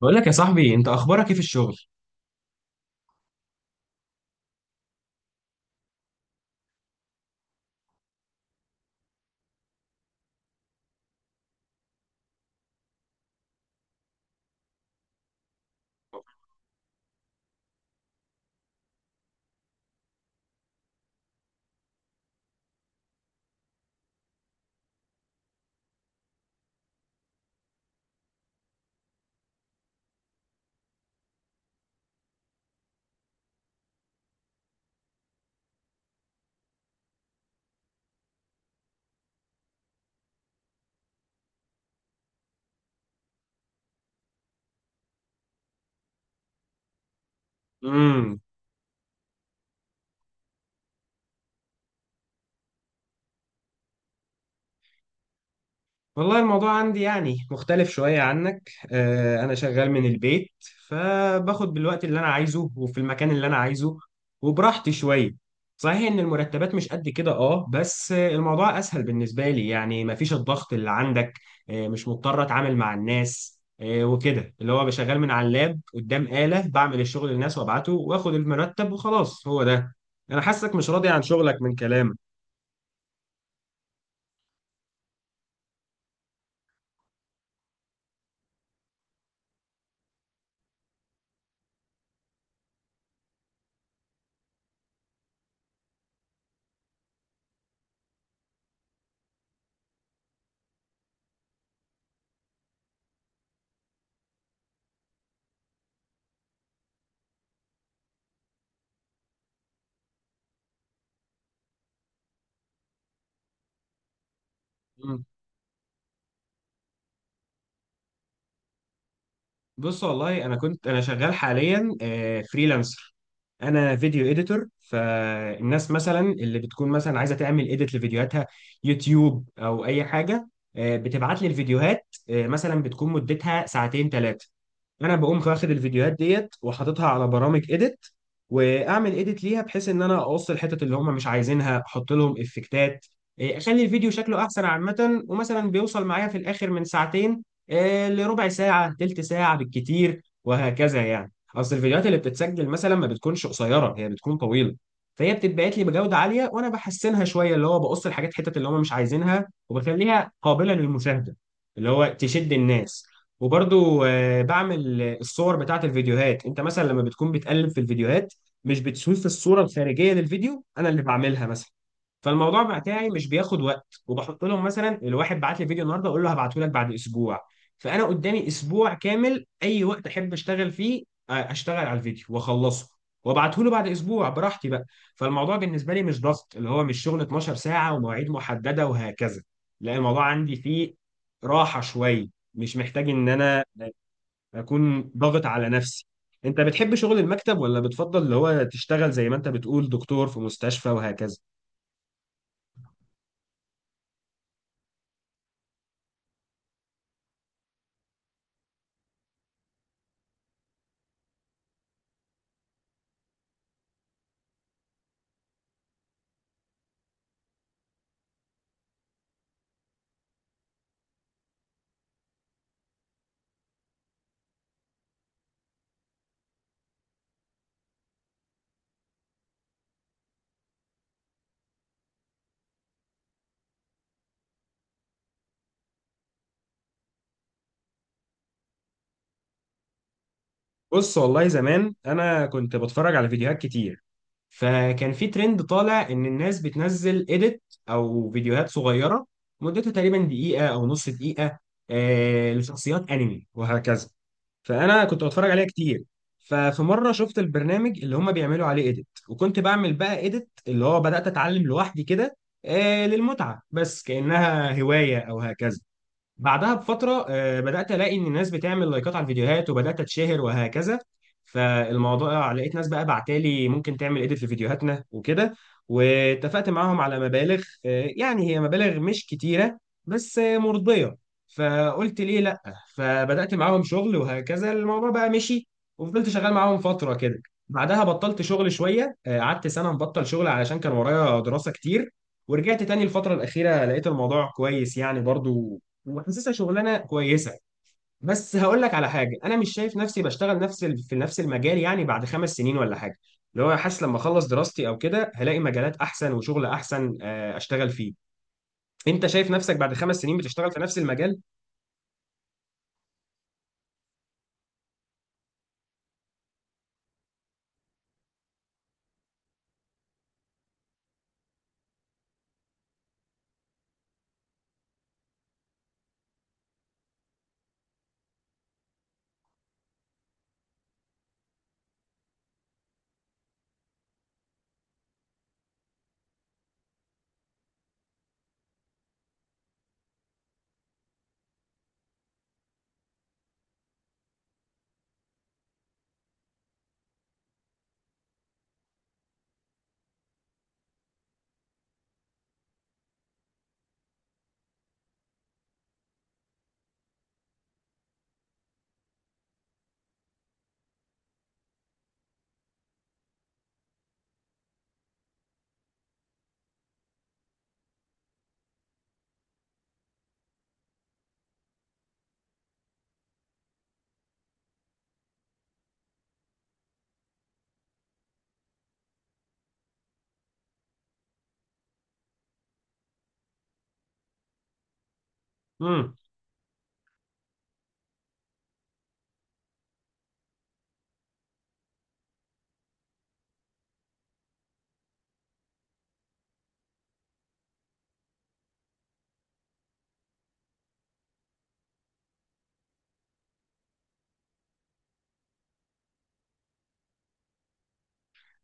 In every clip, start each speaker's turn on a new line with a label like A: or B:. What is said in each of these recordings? A: بقول لك يا صاحبي، انت اخبارك ايه في الشغل؟ امم. والله الموضوع عندي يعني مختلف شوية عنك، انا شغال من البيت، فباخد بالوقت اللي انا عايزه وفي المكان اللي انا عايزه وبراحتي شوية. صحيح ان المرتبات مش قد كده اه بس الموضوع اسهل بالنسبة لي، يعني مفيش الضغط اللي عندك. مش مضطر اتعامل مع الناس وكده، اللي هو بشغال من على اللاب قدام آلة، بعمل الشغل للناس وابعته واخد المرتب وخلاص، هو ده. انا حاسك مش راضي عن شغلك من كلامك. بص، والله انا كنت انا شغال حاليا فريلانسر. انا فيديو اديتور، فالناس مثلا اللي بتكون مثلا عايزه تعمل اديت لفيديوهاتها يوتيوب او اي حاجه، بتبعت لي الفيديوهات، مثلا بتكون مدتها ساعتين ثلاثه. انا بقوم واخد الفيديوهات ديت وحاططها على برامج اديت، واعمل اديت ليها، بحيث ان انا اقص الحتت اللي هم مش عايزينها، احط لهم افكتات، إيه، اخلي الفيديو شكله احسن عامه. ومثلا بيوصل معايا في الاخر من ساعتين، إيه، لربع ساعه تلت ساعه بالكتير، وهكذا. يعني اصل الفيديوهات اللي بتتسجل مثلا ما بتكونش قصيره، هي بتكون طويله، فهي بتتبعت لي بجوده عاليه وانا بحسنها شويه، اللي هو بقص الحاجات حتت اللي هم مش عايزينها، وبخليها قابله للمشاهده، اللي هو تشد الناس. وبرضو بعمل الصور بتاعت الفيديوهات. انت مثلا لما بتكون بتقلب في الفيديوهات، مش بتشوف الصورة الخارجية للفيديو؟ انا اللي بعملها مثلا. فالموضوع بتاعي مش بياخد وقت، وبحط لهم مثلا الواحد بعت لي فيديو النهارده اقول له هبعته لك بعد اسبوع، فانا قدامي اسبوع كامل اي وقت احب اشتغل فيه، اشتغل على الفيديو واخلصه وابعته له بعد اسبوع براحتي بقى. فالموضوع بالنسبه لي مش ضغط، اللي هو مش شغل 12 ساعه ومواعيد محدده وهكذا، لا الموضوع عندي فيه راحه شويه، مش محتاج ان انا اكون ضاغط على نفسي. انت بتحب شغل المكتب ولا بتفضل اللي هو تشتغل زي ما انت بتقول دكتور في مستشفى وهكذا؟ بص، والله زمان انا كنت بتفرج على فيديوهات كتير، فكان في ترند طالع ان الناس بتنزل اديت او فيديوهات صغيره مدتها تقريبا دقيقه او نص دقيقه، لشخصيات انمي وهكذا، فانا كنت بتفرج عليها كتير. ففي مره شفت البرنامج اللي هم بيعملوا عليه اديت، وكنت بعمل بقى اديت، اللي هو بدات اتعلم لوحدي كده، للمتعه بس كانها هوايه او هكذا. بعدها بفترة بدأت ألاقي إن الناس بتعمل لايكات على الفيديوهات وبدأت أتشهر وهكذا، فالموضوع لقيت ناس بقى بعتالي ممكن تعمل إيديت في فيديوهاتنا وكده، واتفقت معاهم على مبالغ، يعني هي مبالغ مش كتيرة بس مرضية، فقلت ليه لأ، فبدأت معاهم شغل وهكذا، الموضوع بقى مشي وفضلت شغال معاهم فترة كده. بعدها بطلت شغل شوية، قعدت سنة مبطل شغل علشان كان ورايا دراسة كتير. ورجعت تاني الفترة الأخيرة لقيت الموضوع كويس يعني برضو، وحاسسها شغلانه كويسه. بس هقول لك على حاجه، انا مش شايف نفسي بشتغل نفس في نفس المجال يعني بعد 5 سنين ولا حاجه، اللي هو حاسس لما اخلص دراستي او كده هلاقي مجالات احسن وشغل احسن، اشتغل فيه. انت شايف نفسك بعد 5 سنين بتشتغل في نفس المجال؟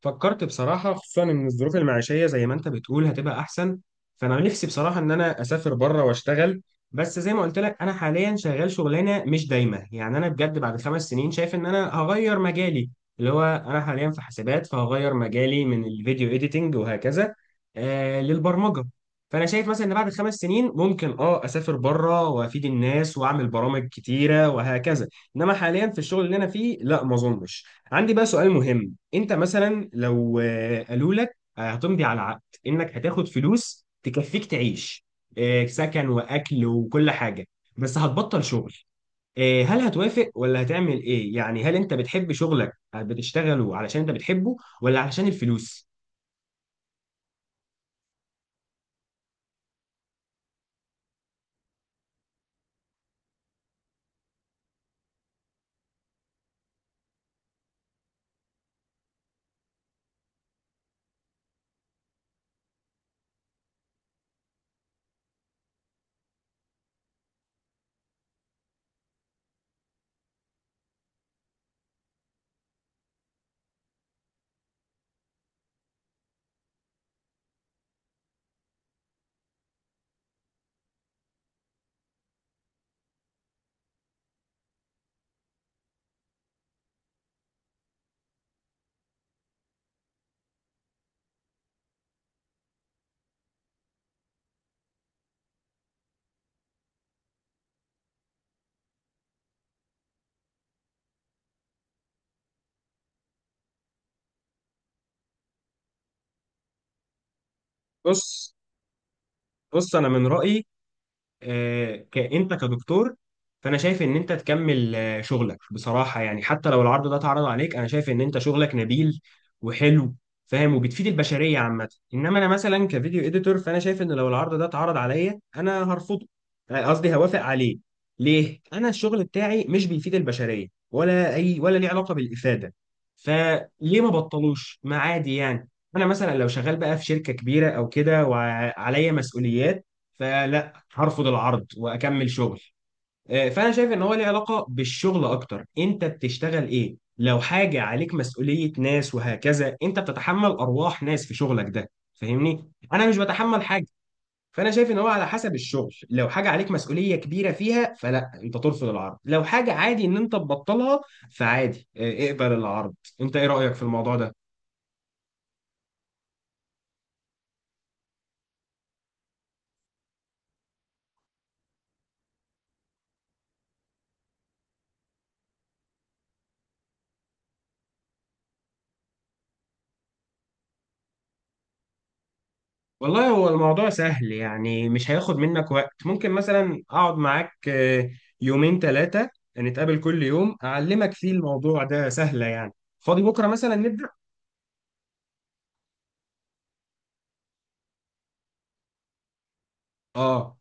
A: فكرت بصراحة، خصوصا إن الظروف المعيشية زي ما أنت بتقول هتبقى أحسن، فأنا نفسي بصراحة إن أنا أسافر بره وأشتغل. بس زي ما قلت لك، أنا حاليا شغال شغلانة مش دايمة، يعني أنا بجد بعد 5 سنين شايف إن أنا هغير مجالي، اللي هو أنا حاليا في حاسبات، فهغير مجالي من الفيديو إيديتنج وهكذا للبرمجة. فأنا شايف مثلا إن بعد 5 سنين ممكن أسافر بره وأفيد الناس وأعمل برامج كتيرة وهكذا، إنما حاليا في الشغل اللي أنا فيه لا، ما أظنش. عندي بقى سؤال مهم. انت مثلا لو قالوا لك هتمضي على عقد انك هتاخد فلوس تكفيك تعيش، سكن واكل وكل حاجه، بس هتبطل شغل، هل هتوافق ولا هتعمل ايه؟ يعني هل انت بتحب شغلك بتشتغله علشان انت بتحبه ولا علشان الفلوس؟ بص، بص انا من رايي انت كدكتور، فانا شايف ان انت تكمل شغلك، بصراحه يعني حتى لو العرض ده اتعرض عليك انا شايف ان انت شغلك نبيل وحلو، فاهم، وبتفيد البشريه عامه. انما انا مثلا كفيديو اديتور، فانا شايف ان لو العرض ده اتعرض عليا انا هرفضه، قصدي هوافق عليه. ليه؟ انا الشغل بتاعي مش بيفيد البشريه ولا اي، ولا ليه علاقه بالافاده، فليه ما بطلوش، ما عادي يعني. انا مثلا لو شغال بقى في شركه كبيره او كده وعليا مسؤوليات فلا، هرفض العرض واكمل شغل. فانا شايف ان هو ليه علاقه بالشغل اكتر، انت بتشتغل ايه لو حاجه عليك مسؤوليه ناس وهكذا، انت بتتحمل ارواح ناس في شغلك ده، فاهمني. انا مش بتحمل حاجه، فانا شايف ان هو على حسب الشغل، لو حاجه عليك مسؤوليه كبيره فيها فلا انت ترفض العرض، لو حاجه عادي ان انت تبطلها فعادي اقبل العرض. انت ايه رايك في الموضوع ده؟ والله هو الموضوع سهل، يعني مش هياخد منك وقت. ممكن مثلا اقعد معاك يومين ثلاثة، نتقابل كل يوم اعلمك فيه، الموضوع ده سهلة يعني. فاضي بكرة مثلا نبدأ. اه،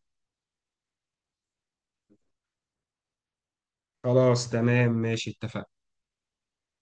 A: خلاص تمام ماشي اتفقنا.